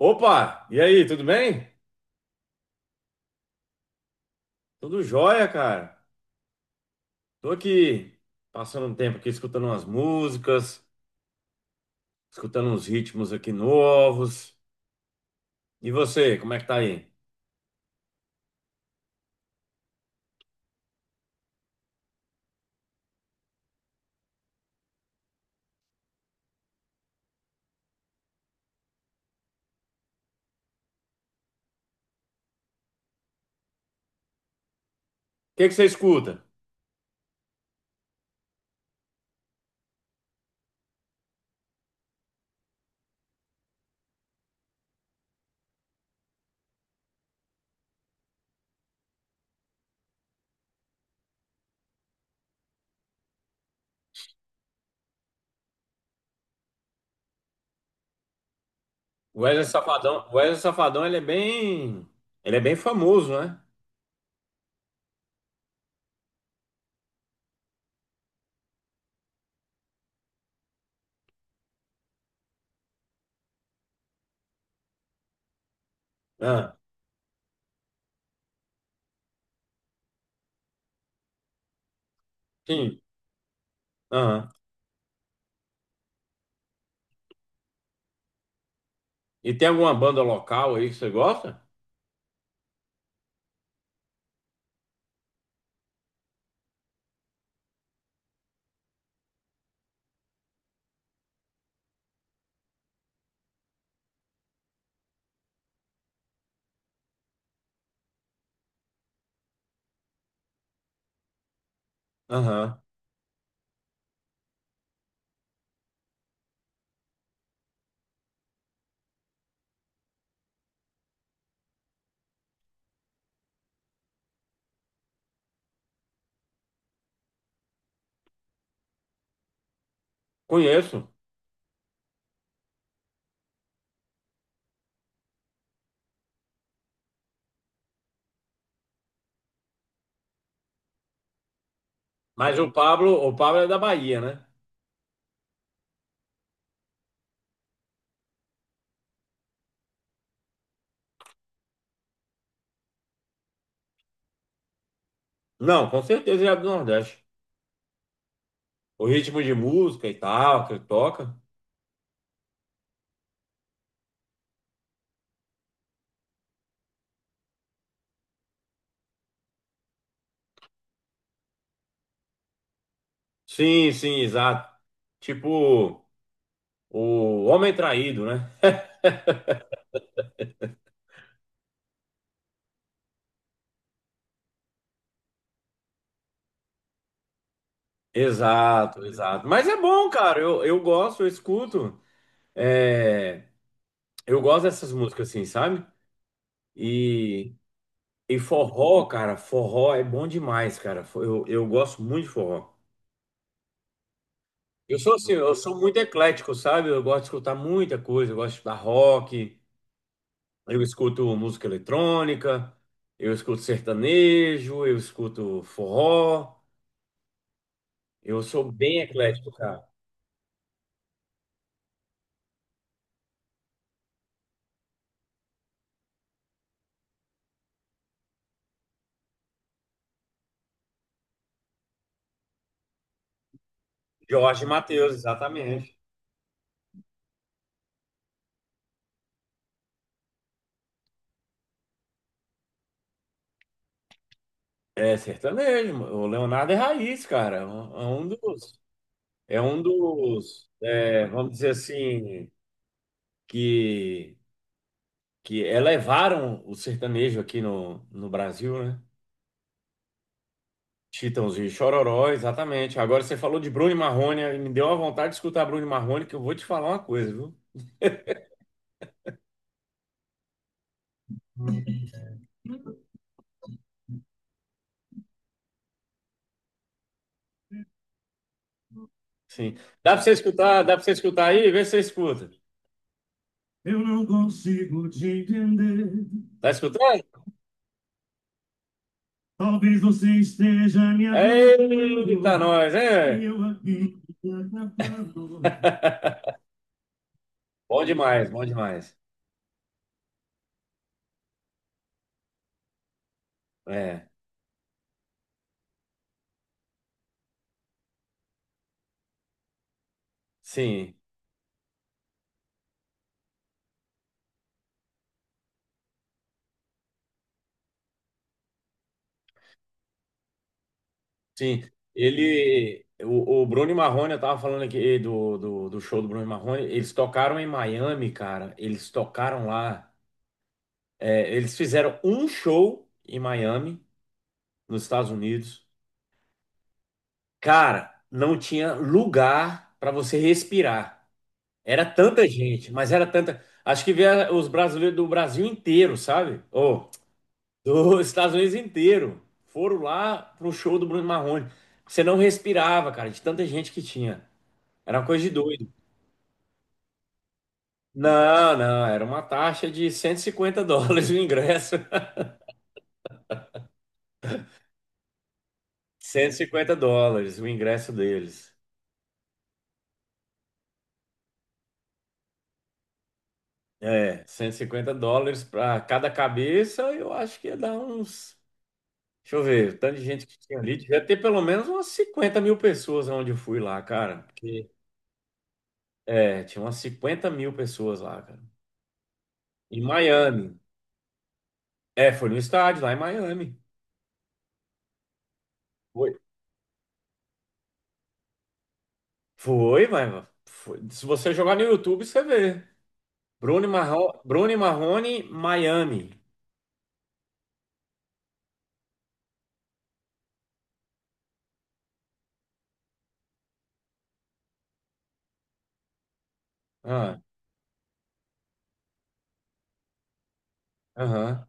Opa, e aí, tudo bem? Tudo jóia, cara. Tô aqui passando um tempo aqui escutando umas músicas, escutando uns ritmos aqui novos. E você, como é que tá aí? O que que você escuta? O Wesley Safadão, ele é bem famoso, né? Ah, sim. Aham. E tem alguma banda local aí que você gosta? Aham. Conheço. Mas o Pablo é da Bahia, né? Não, com certeza ele é do Nordeste. O ritmo de música e tal que ele toca. Sim, sim, exato. Tipo, o homem traído, né? Exato, exato. Mas é bom, cara. Eu gosto, eu escuto. É, eu gosto dessas músicas, assim, sabe? E, e forró, cara, forró é bom demais, cara. Eu gosto muito de forró. Eu sou assim, eu sou muito eclético, sabe? Eu gosto de escutar muita coisa. Eu gosto de escutar rock, eu escuto música eletrônica, eu escuto sertanejo, eu escuto forró. Eu sou bem eclético, cara. Jorge Mateus, exatamente. É sertanejo. O Leonardo é raiz, cara. É um dos. É um dos. Vamos dizer assim, que, que elevaram o sertanejo aqui no Brasil, né? Chitãozinho e Chororó, exatamente. Agora você falou de Bruno e Marrone, aí me deu uma vontade de escutar Bruno e Marrone, que eu vou te falar uma coisa, viu? Sim. Dá pra você escutar, dá pra você escutar aí? Vê se você escuta. Eu não consigo te entender. Tá escutando? Talvez você esteja me amando. Eita, nós, E é. Eu aqui te atrapalhando. Bom demais, bom demais. É, sim, sim. Ele, o Bruno e Marrone, eu tava falando aqui do show do Bruno e Marrone, eles tocaram em Miami, cara. Eles tocaram lá. É, eles fizeram um show em Miami, nos Estados Unidos. Cara, não tinha lugar pra você respirar. Era tanta gente, mas era tanta. Acho que vieram os brasileiros do Brasil inteiro, sabe? Ou dos Estados Unidos inteiro. Foram lá pro show do Bruno Marrone. Você não respirava, cara, de tanta gente que tinha. Era uma coisa de doido. Não, não, era uma taxa de US$ 150 o ingresso. US$ 150 o ingresso deles. É, US$ 150 para cada cabeça, eu acho que ia dar uns. Deixa eu ver, o tanto de gente que tinha ali, devia ter pelo menos umas 50 mil pessoas onde eu fui lá, cara. Porque, é, tinha umas 50 mil pessoas lá, cara. Em Miami. É, foi no estádio, lá em Miami. Foi. Foi, mas foi. Se você jogar no YouTube, você vê. Bruno Marrone, Bruno e Marrone, Miami. Ah, aham.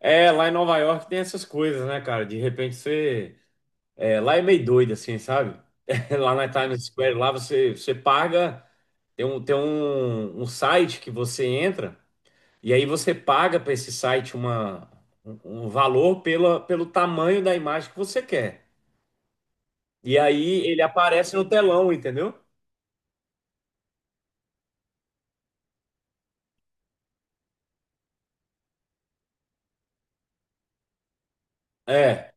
É, lá em Nova York tem essas coisas, né, cara? De repente você. É, lá é meio doido, assim, sabe? Lá na Times Square, lá você, você paga, tem um, um site que você entra, e aí você paga para esse site uma, um valor pela, pelo tamanho da imagem que você quer. E aí ele aparece no telão, entendeu? É,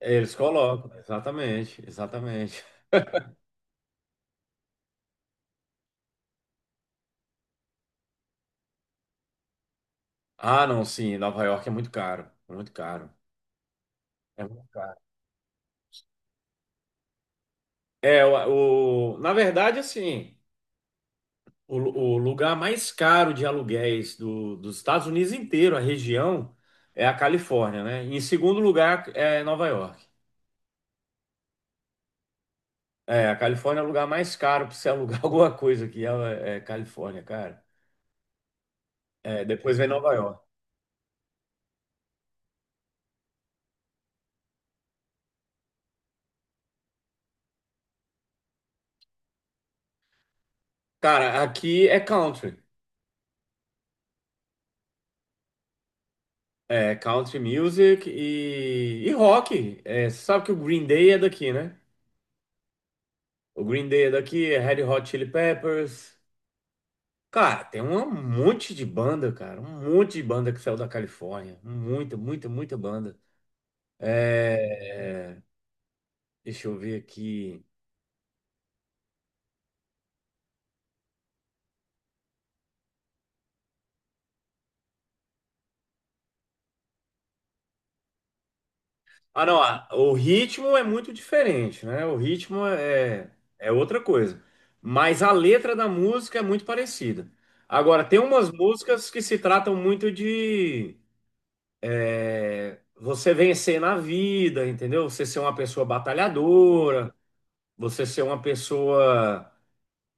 eles colocam, exatamente, exatamente. Ah, não, sim, Nova York é muito caro, muito caro. É muito caro. É, o- na verdade, assim. O, lu- o lugar mais caro de aluguéis do- dos Estados Unidos inteiro, a região, é a Califórnia, né? Em segundo lugar é Nova York. É, a Califórnia é o lugar mais caro para você alugar alguma coisa aqui, é, é Califórnia, cara. É, depois vem Nova York. Cara, aqui é country. É country music e rock. É, você sabe que o Green Day é daqui, né? O Green Day é daqui, é Red Hot Chili Peppers. Cara, tem um monte de banda, cara. Um monte de banda que saiu da Califórnia. Muita, muita, muita banda. É, deixa eu ver aqui. Ah, não. Ah, o ritmo é muito diferente, né? O ritmo é... é outra coisa. Mas a letra da música é muito parecida. Agora, tem umas músicas que se tratam muito de é, você vencer na vida, entendeu? Você ser uma pessoa batalhadora, você ser uma pessoa.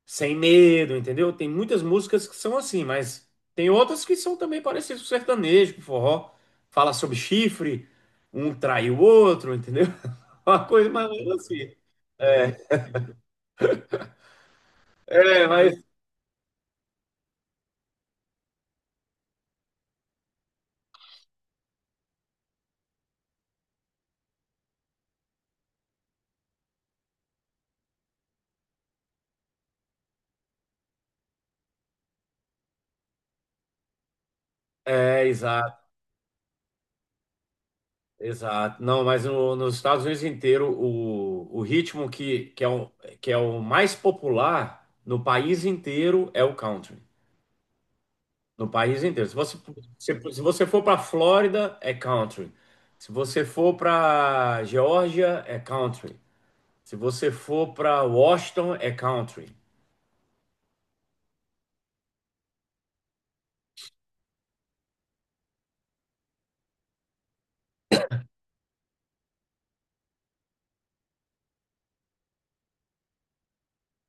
Sem medo, entendeu? Tem muitas músicas que são assim, mas tem outras que são também parecidas com sertanejo, com forró. Fala sobre chifre, um trai o outro, entendeu? Uma coisa mais ou menos assim. É, é, mas. É, exato, exato. Não, mas no- nos Estados Unidos inteiro, o ritmo que que é o mais popular no país inteiro é o country. No país inteiro. Se você, se você for para Flórida, é country. Se você for para Geórgia, é country. Se você for para Washington, é country.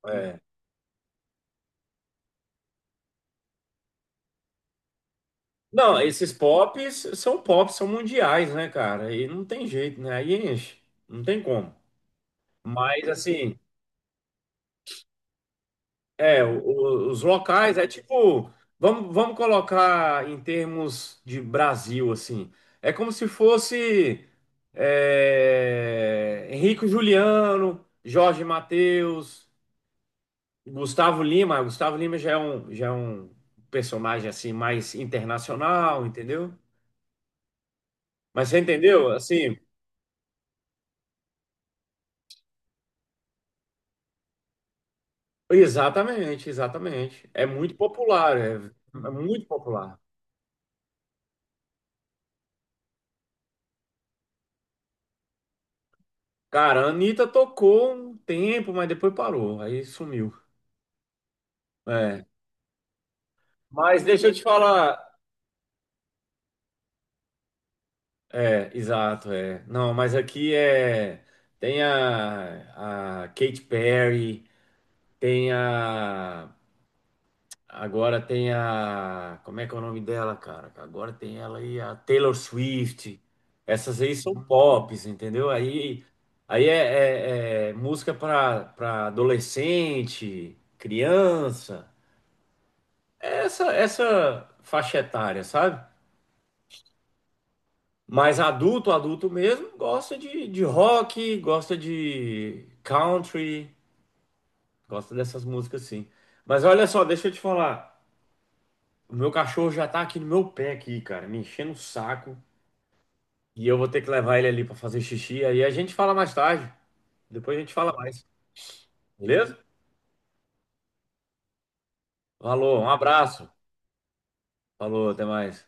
É. Não, esses pops, são mundiais, né, cara? E não tem jeito, né? Aí enche. Não tem como. Mas, assim, é, os locais é tipo, vamos colocar em termos de Brasil, assim. É como se fosse é, Henrique Juliano, Jorge Mateus, Gustavo Lima. Gustavo Lima já é um personagem assim mais internacional, entendeu? Mas você entendeu? Assim, exatamente, exatamente. É muito popular, é é muito popular. Cara, a Anitta tocou um tempo, mas depois parou, aí sumiu. É, mas deixa eu te falar. É, exato, é. Não, mas aqui é. Tem a Katy Perry, tem a. Agora tem a. Como é que é o nome dela, cara? Agora tem ela aí, a Taylor Swift. Essas aí são pops, entendeu? Aí, aí é, é- é música para para adolescente, criança. É essa, essa faixa etária, sabe? Mas adulto, adulto mesmo, gosta de rock, gosta de country, gosta dessas músicas sim. Mas olha só, deixa eu te falar. O meu cachorro já tá aqui no meu pé aqui, cara, me enchendo o saco. E eu vou ter que levar ele ali pra fazer xixi. Aí a gente fala mais tarde. Depois a gente fala mais, beleza? Falou, um abraço. Falou, até mais.